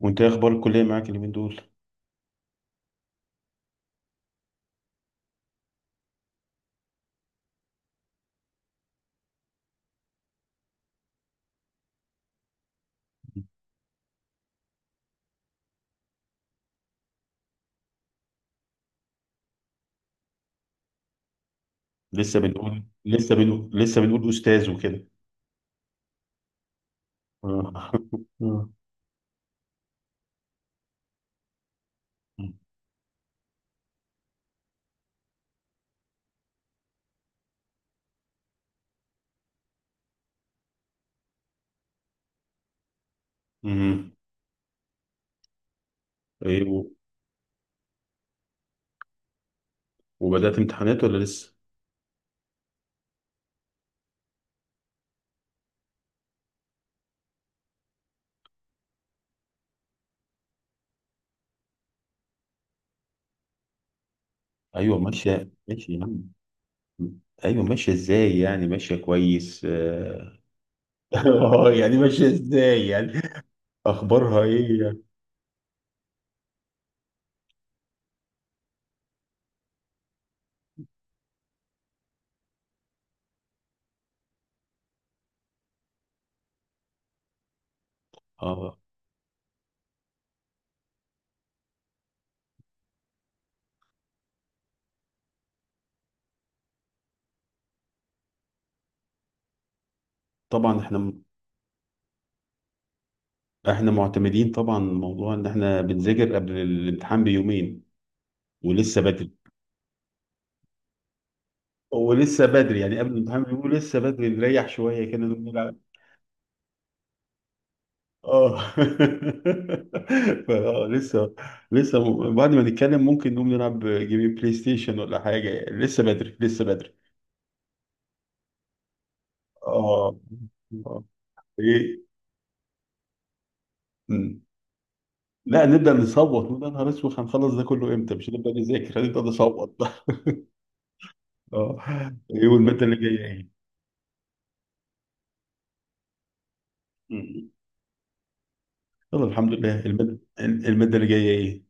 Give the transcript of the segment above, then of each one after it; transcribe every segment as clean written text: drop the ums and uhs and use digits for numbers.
وانت ايه اخبار الكليه معاك اليومين دول؟ لسه بنقول استاذ وكده. آه. آه. مم. ايه، وبدات امتحانات ولا لسه؟ ايوه، ماشيه ماشي يا عم. ايوه، ماشيه ازاي يعني؟ ماشيه كويس، اه. آه، يعني ماشيه ازاي يعني؟ اخبارها ايه يعني؟ اه، طبعا احنا معتمدين طبعا موضوع ان احنا بنذاكر قبل الامتحان بيومين ولسه بدري. ولسه بدري يعني قبل الامتحان بيومين ولسه بدري نريح شويه كده. اه. فا لسه، لسه بعد ما نتكلم ممكن نقوم نلعب جيمين بلاي ستيشن ولا حاجة، لسه بدري لسه بدري. اه. آه. ايه. مم. لا، نبدأ نصوت نقول يا نهار اسود هنخلص ده كله امتى؟ مش هنبدأ نذاكر، هنبدأ نصوت. اه. ايه، والمادة اللي جاية ايه؟ مم. يلا الحمد لله. المادة، اللي جاية ايه؟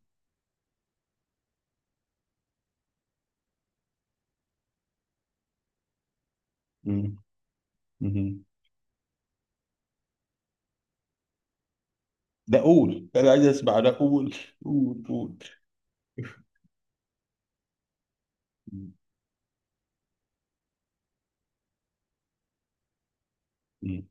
مم. مم. ده قول، انا عايز اسمع، ده قول. قول قول. مم.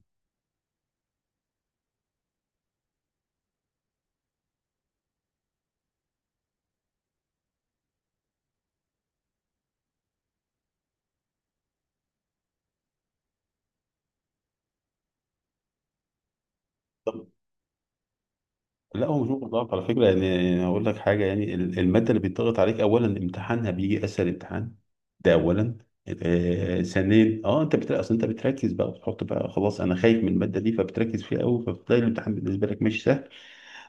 لا، هو مش ممكن ضغط، على فكره. يعني، اقول لك حاجه. يعني الماده اللي بيتضغط عليك اولا امتحانها بيجي اسهل امتحان. ده اولا. آه، ثانيا، اه، انت بتلاقي، اصل انت بتركز بقى وبتحط بقى خلاص انا خايف من الماده دي فبتركز فيها قوي فبتلاقي الامتحان بالنسبه لك ماشي سهل.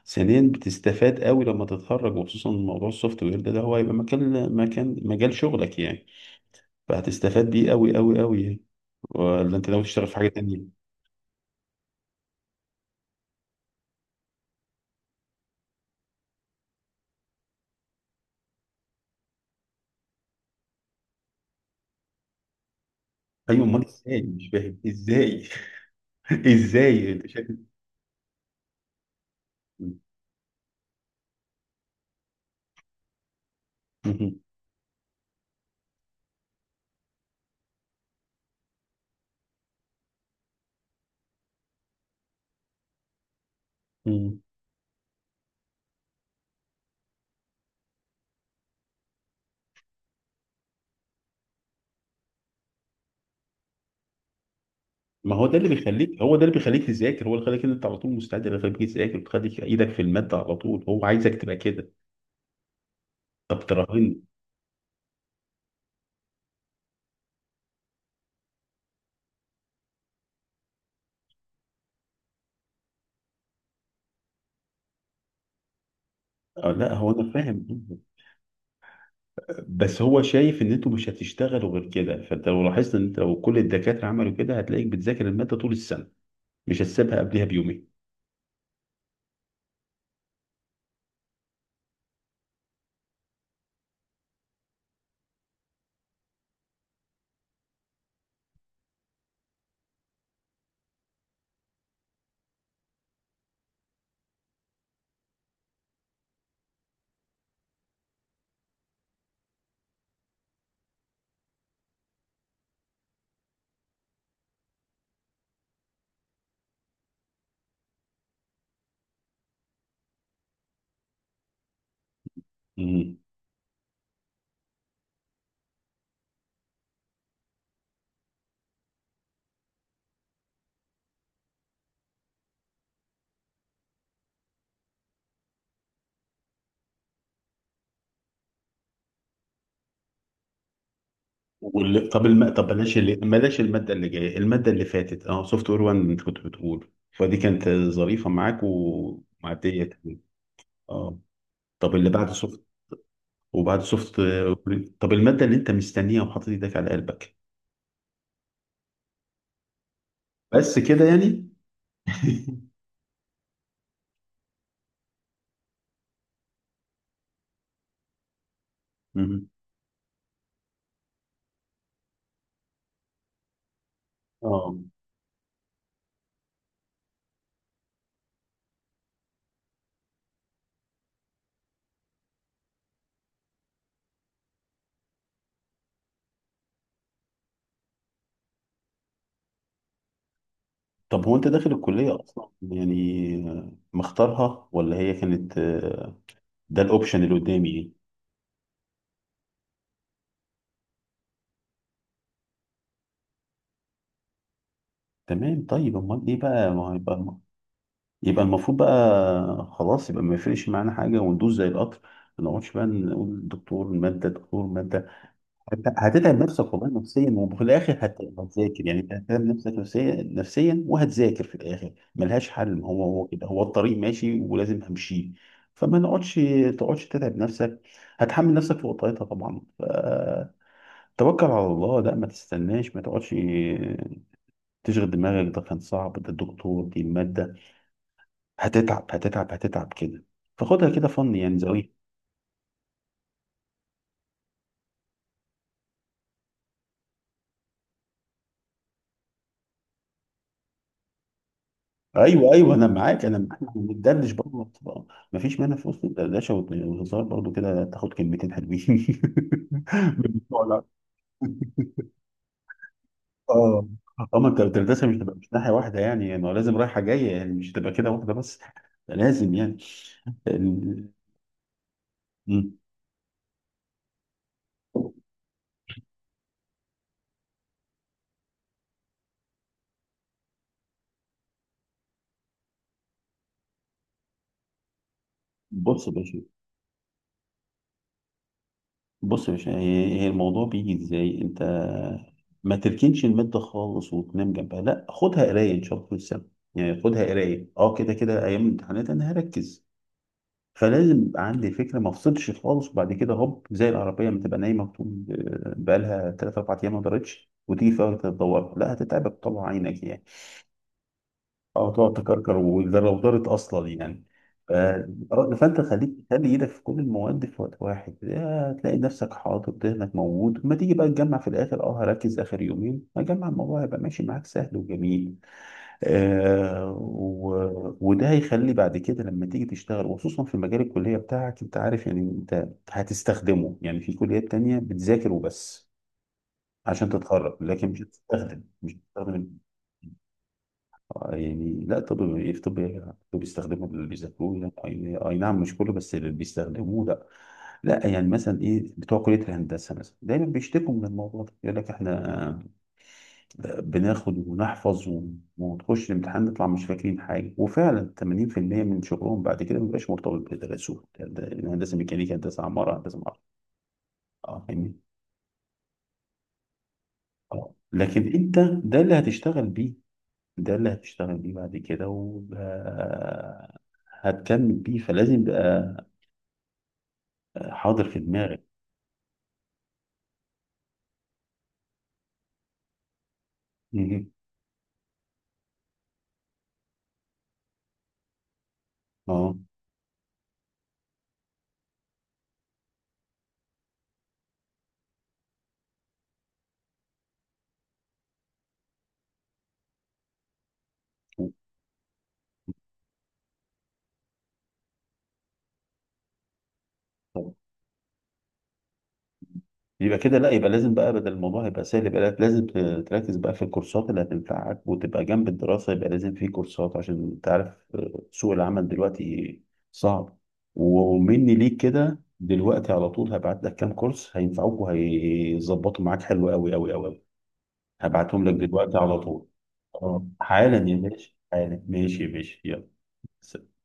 ثانيا بتستفاد قوي لما تتخرج، وخصوصا موضوع السوفت وير ده، ده هو هيبقى مكان مكان مجال شغلك يعني. فهتستفاد بيه قوي قوي قوي يعني. ولا انت ناوي تشتغل في حاجه تانيه؟ ايوه، امال ازاي؟ مش فاهم ازاي. ازاي انت شايف؟ ما هو ده اللي بيخليك هو ده اللي بيخليك تذاكر، هو اللي خليك ان انت على طول مستعد، اللي بيخليك تذاكر، بتخليك ايدك في الماده على طول. هو عايزك تبقى كده. طب تراهن. آه، لا، هو انا فاهم. بس هو شايف ان انتوا مش هتشتغلوا غير كده. فانت لو لاحظت ان انت لو كل الدكاتره عملوا كده هتلاقيك بتذاكر الماده طول السنه، مش هتسيبها قبلها بيومين. مم. وال... طب الم... طب بلاش اللي... بلاش الماده اللي جايه الماده اللي فاتت، اه، سوفت وير 1، انت كنت بتقول فدي كانت ظريفه معاك ومعديه تمام. اه. طب اللي بعد، وبعد سوفت طب المادة اللي انت مستنيها وحاطط ايدك على قلبك، بس كده يعني. مهم. اه، طب هو انت داخل الكلية اصلا يعني، آه، مختارها ولا هي كانت، آه، ده الاوبشن اللي قدامي يعني؟ تمام. طيب امال ايه بقى؟ ما هو يبقى، يبقى المفروض بقى خلاص يبقى ما يفرقش معانا حاجة وندوس زي القطر. ما نقعدش بقى نقول دكتور مادة دكتور مادة. هتتعب نفسك والله نفسيا، وفي الاخر هتذاكر. يعني انت هتتعب نفسك نفسيا نفسيا وهتذاكر في الاخر، ملهاش حل. هو كده، هو الطريق ماشي ولازم همشيه. فما نقعدش، تقعدش تتعب نفسك، هتحمل نفسك فوقيتها طبعا. فتوكل على الله، لا ما تستناش ما تقعدش تشغل دماغك ده كان صعب ده الدكتور دي المادة، هتتعب هتتعب هتتعب كده. فخدها كده فن، يعني زاوية. ايوه، ايوه، انا معاك، انا معاك. احنا بندردش برضه. ما فيش مانع في وسط الدردشه والهزار برضه كده تاخد كلمتين حلوين. من بتوع الع- اه. اما انت الدردشه مش تبقى، مش ناحيه واحده يعني. لازم رايحه جايه، يعني مش تبقى كده واحده بس. لازم يعني ال- م. بص يا باشا. بص يا باشا، هي الموضوع بيجي ازاي؟ انت ما تركنش المادة خالص وتنام جنبها، لا، خدها قراية ان شاء الله في السنة. يعني خدها قراية، اه، كده كده، ايام الامتحانات انا هركز. فلازم يبقى عندي فكره، ما افصلش خالص، وبعد كده هوب زي العربيه ما تبقى نايمه طول، آه، بقالها 3 4 ايام ما دارتش وتيجي في وقت تدور، لا هتتعبك طبعا عينك يعني. اه، تقعد تكركر، وده لو دارت اصلا يعني. آه، فانت خلي ايدك في كل المواد في وقت واحد. آه، هتلاقي نفسك حاطط ذهنك موجود. ما تيجي بقى تجمع في الاخر، اه، هركز اخر يومين هجمع، الموضوع هيبقى ماشي معاك سهل وجميل. آه، وده هيخلي بعد كده لما تيجي تشتغل، وخصوصا في مجال الكلية بتاعك. انت عارف يعني، انت هتستخدمه. يعني في كليات تانية بتذاكر وبس عشان تتخرج، لكن مش هتستخدم مش هتستخدم. آه، يعني لا، طب ايه في طب إيه؟ طب بيستخدموا اللي بيذاكروه؟ لا، اي أي نعم، مش كله، بس اللي بيستخدموه لا. لا، يعني مثلا ايه، بتوع كلية الهندسة مثلا دايما بيشتكوا من الموضوع ده. يقول لك احنا بناخد ونحفظ وتخش الامتحان نطلع مش فاكرين حاجة. وفعلا 80% من شغلهم بعد كده مبيبقاش مرتبط بدراسوه. هندسة ميكانيكا، هندسة عمارة، هندسة معرفة. اه، فاهمني؟ اه، لكن انت، ده اللي هتشتغل بيه، ده اللي هتشتغل بيه بعد كده وهتكمل بيه. فلازم يبقى حاضر في دماغك. مهم. اه، يبقى كده لا، يبقى لازم بقى بدل الموضوع يبقى سهل، يبقى لازم تركز بقى في الكورسات اللي هتنفعك وتبقى جنب الدراسة. يبقى لازم في كورسات عشان تعرف، آه، سوق العمل دلوقتي صعب. ومني ليك كده دلوقتي على طول هبعت لك كام كورس هينفعوك وهيظبطوا معاك حلو قوي قوي قوي قوي. هبعتهم لك دلوقتي على طول. آه، حالا يا باشا، حالا. ماشي يا باشا، يلا. سلام.